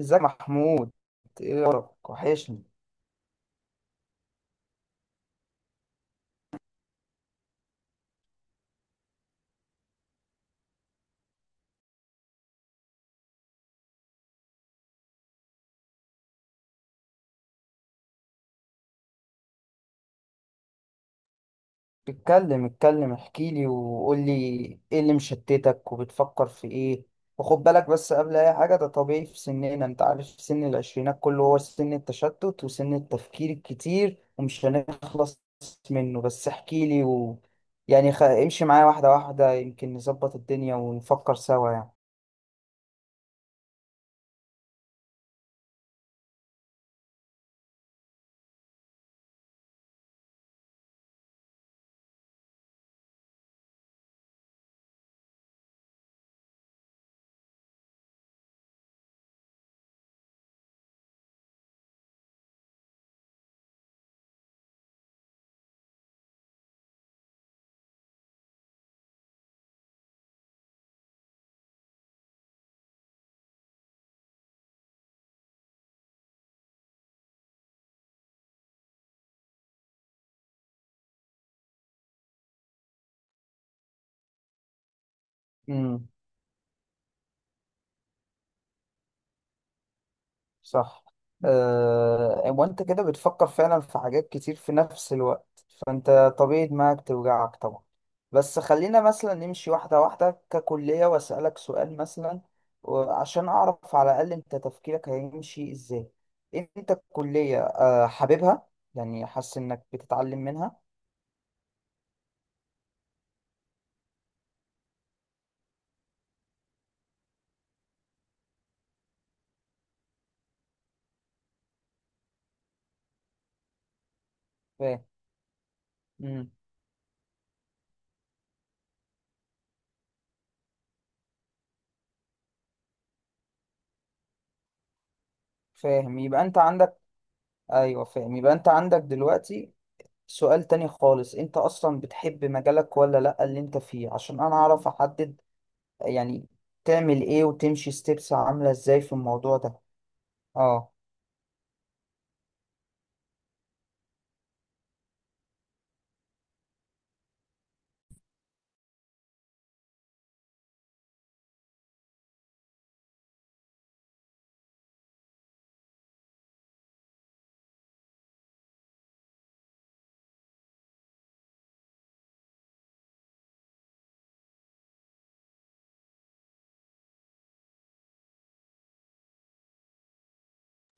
ازيك يا محمود؟ ايه اخبارك؟ وحشني. اتكلم اتكلم، احكي لي وقول لي ايه اللي مشتتك وبتفكر في ايه. وخد بالك بس، قبل اي حاجه ده طبيعي في سننا، انت عارف، سن العشرينات كله هو سن التشتت وسن التفكير الكتير ومش هنخلص منه. بس احكي لي و... يعني امشي معايا واحده واحده، يمكن نظبط الدنيا ونفكر سوا. يعني صح؟ أه، وانت كده بتفكر فعلا في حاجات كتير في نفس الوقت، فانت طبيعي دماغك توجعك طبعا. بس خلينا مثلا نمشي واحدة واحدة ككلية، واسألك سؤال مثلا عشان اعرف على الاقل انت تفكيرك هيمشي ازاي. انت الكلية حاببها؟ يعني حاسس انك بتتعلم منها؟ فاهم. مم. فاهم. يبقى انت عندك... ايوه، فاهم. يبقى انت عندك دلوقتي سؤال تاني خالص، انت اصلا بتحب مجالك ولا لا اللي انت فيه؟ عشان انا اعرف احدد يعني تعمل ايه وتمشي ستيبس عاملة ازاي في الموضوع ده. اه.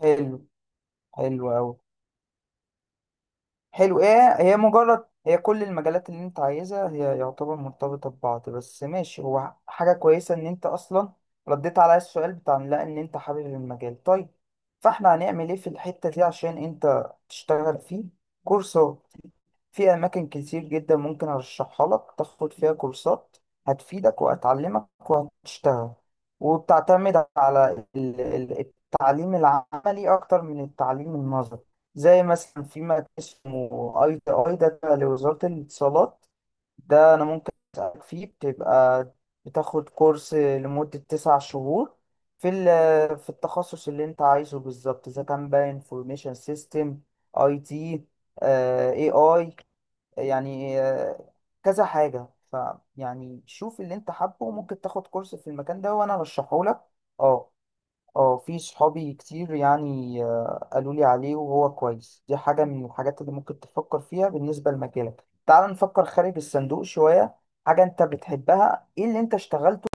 حلو. حلو اوي. حلو. ايه هي، مجرد هي كل المجالات اللي انت عايزها هي يعتبر مرتبطة ببعض بس ماشي، هو حاجة كويسة ان انت اصلا رديت على السؤال بتاع لا، ان انت حابب المجال. طيب، فاحنا هنعمل ايه في الحتة دي عشان انت تشتغل فيه؟ كورسات في أماكن كتير جدا ممكن أرشحها لك، تاخد فيها كورسات هتفيدك وهتعلمك وهتشتغل، وبتعتمد على التعليم العملي أكتر من التعليم النظري. زي مثلا في مكان اسمه ITI، ده تبع لوزارة الاتصالات، ده أنا ممكن أسألك فيه، بتبقى بتاخد كورس لمدة 9 شهور في في التخصص اللي أنت عايزه بالظبط، إذا كان بقى انفورميشن سيستم، IT، اي اي، يعني كذا حاجة. ف يعني شوف اللي انت حابه، وممكن تاخد كورس في المكان ده وانا رشحه لك. اه. اه، في صحابي كتير يعني قالوا لي عليه وهو كويس. دي حاجة من الحاجات اللي ممكن تفكر فيها بالنسبة لمجالك. تعال نفكر خارج الصندوق شوية، حاجة انت بتحبها. ايه اللي انت اشتغلته؟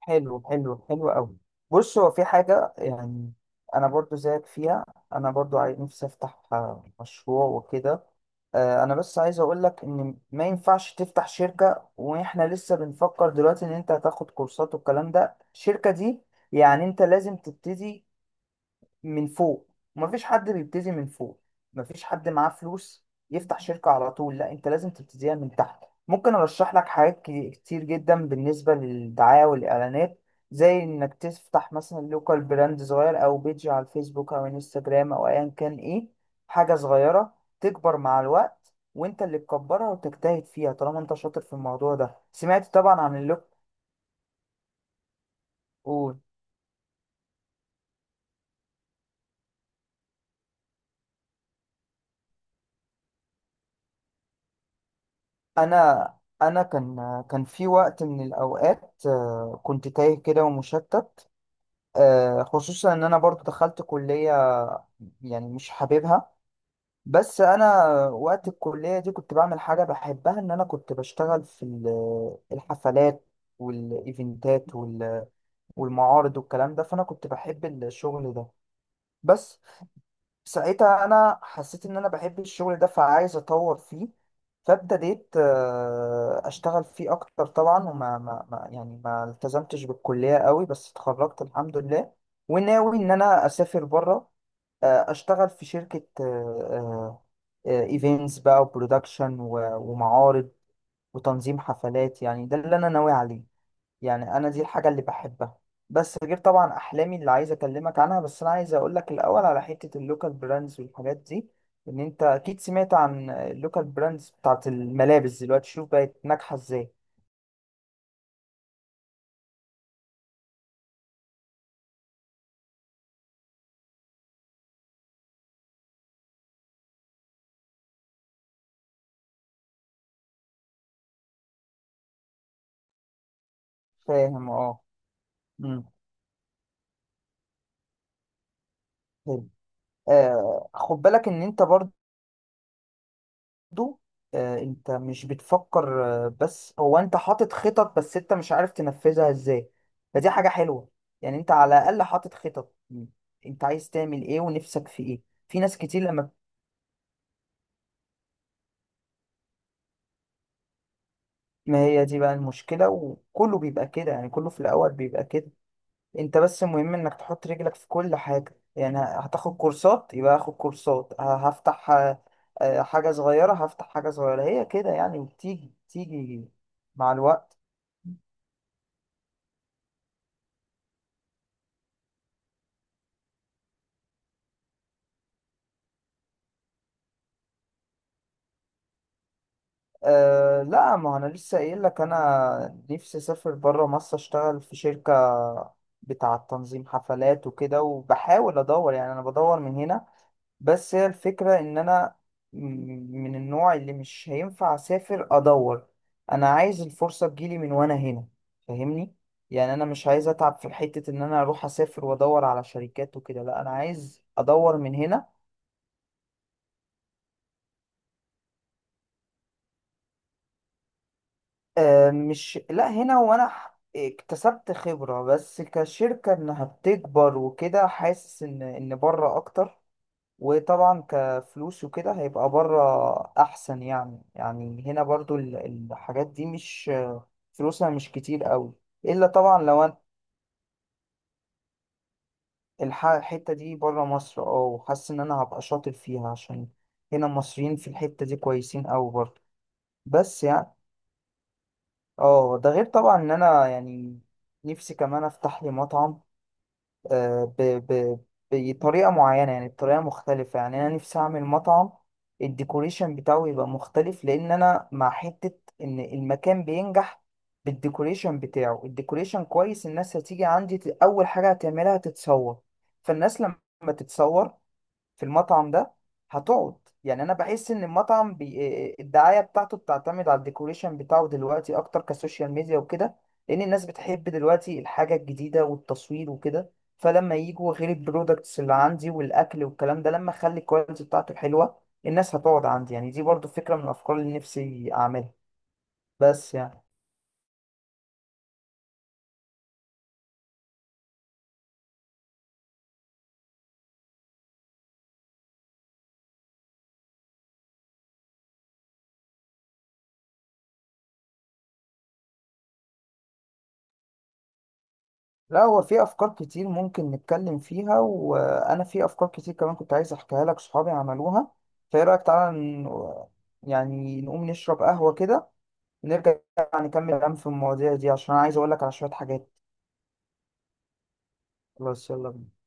حلو. حلو. حلو قوي. بص، هو في حاجة يعني أنا برضو زيك فيها، أنا برضو عايز نفسي أفتح مشروع وكده. أنا بس عايز أقولك إن ما ينفعش تفتح شركة وإحنا لسه بنفكر دلوقتي إن أنت هتاخد كورسات والكلام ده. الشركة دي يعني أنت لازم تبتدي من فوق، ومفيش حد بيبتدي من فوق، مفيش حد معاه فلوس يفتح شركة على طول. لا، انت لازم تبتديها من تحت. ممكن ارشح لك حاجات كتير جدا بالنسبة للدعاية والاعلانات، زي انك تفتح مثلا لوكال براند صغير او بيج على الفيسبوك او انستجرام او ايا كان، ايه، حاجة صغيرة تكبر مع الوقت وانت اللي تكبرها وتجتهد فيها طالما انت شاطر في الموضوع ده. سمعت طبعا عن اللوك... انا انا كان في وقت من الاوقات كنت تايه كده ومشتت، خصوصا ان انا برضو دخلت كلية يعني مش حاببها. بس انا وقت الكلية دي كنت بعمل حاجة بحبها، ان انا كنت بشتغل في الحفلات والايفنتات والمعارض والكلام ده، فانا كنت بحب الشغل ده. بس ساعتها انا حسيت ان انا بحب الشغل ده، فعايز اطور فيه، فابتديت اشتغل فيه اكتر طبعا، وما ما ما يعني ما التزمتش بالكلية قوي، بس اتخرجت الحمد لله. وناوي ان انا اسافر بره، اشتغل في شركة ايفنتس بقى وبرودكشن ومعارض وتنظيم حفلات، يعني ده اللي انا ناوي عليه. يعني انا دي الحاجه اللي بحبها، بس غير طبعا احلامي اللي عايز اكلمك عنها. بس انا عايز اقول لك الاول على حته اللوكال براندز والحاجات دي، ان انت اكيد سمعت عن اللوكال براندز بتاعت الملابس دلوقتي، شوف بقت ناجحه ازاي. فاهم. اه. امم حلو. خد بالك ان انت برضو، انت مش بتفكر، بس هو انت حاطط خطط بس انت مش عارف تنفذها ازاي، فدي حاجه حلوه، يعني انت على الاقل حاطط خطط، انت عايز تعمل ايه ونفسك في ايه. في ناس كتير ما هي دي بقى المشكلة، وكله بيبقى كده، يعني كله في الأول بيبقى كده. أنت بس المهم إنك تحط رجلك في كل حاجة، يعني هتاخد كورسات يبقى هاخد كورسات، هفتح حاجة صغيرة، هفتح حاجة صغيرة، هي كده يعني، وبتيجي بتيجي مع الوقت. أه لا، ما أنا لسه قايل لك أنا نفسي أسافر برا مصر، أشتغل في شركة بتاعة تنظيم حفلات وكده، وبحاول أدور، يعني أنا بدور من هنا. بس هي الفكرة إن أنا م- من النوع اللي مش هينفع أسافر أدور، أنا عايز الفرصة تجيلي من وأنا هنا، فاهمني؟ يعني أنا مش عايز أتعب في حتة إن أنا أروح أسافر وأدور على شركات وكده. لأ، أنا عايز أدور من هنا. آه مش، لأ هنا وأنا اكتسبت خبرة، بس كشركة إنها بتكبر وكده حاسس إن بره أكتر، وطبعا كفلوس وكده هيبقى بره احسن. يعني هنا برضو الحاجات دي مش، فلوسها مش كتير قوي. الا طبعا لو أنا الحتة دي بره مصر، اه، وحاسس ان انا هبقى شاطر فيها، عشان هنا المصريين في الحتة دي كويسين قوي برضو. بس يعني اه، ده غير طبعا ان انا يعني نفسي كمان افتح لي مطعم، آه، ب... ب... بطريقة معينة، يعني بطريقة مختلفة، يعني أنا نفسي أعمل مطعم، الديكوريشن بتاعه يبقى مختلف، لأن أنا مع حتة إن المكان بينجح بالديكوريشن بتاعه. الديكوريشن كويس، الناس هتيجي عندي، أول حاجة هتعملها تتصور. فالناس لما تتصور في المطعم ده هتقعد، يعني انا بحس ان المطعم الدعايه بتاعته بتعتمد على الديكوريشن بتاعه دلوقتي اكتر، كسوشيال ميديا وكده، لان الناس بتحب دلوقتي الحاجه الجديده والتصوير وكده. فلما يجوا، غير البرودكتس اللي عندي والاكل والكلام ده، لما اخلي الكواليتي بتاعته حلوه، الناس هتقعد عندي. يعني دي برضو فكره من الافكار اللي نفسي اعملها. بس يعني، لا هو في افكار كتير ممكن نتكلم فيها، وانا في افكار كتير كمان كنت عايز احكيها لك صحابي عملوها. فايه رايك، تعالى يعني نقوم نشرب قهوة كده، ونرجع نكمل كلام في المواضيع دي، عشان انا عايز اقول لك على شوية حاجات. خلاص، يلا بينا.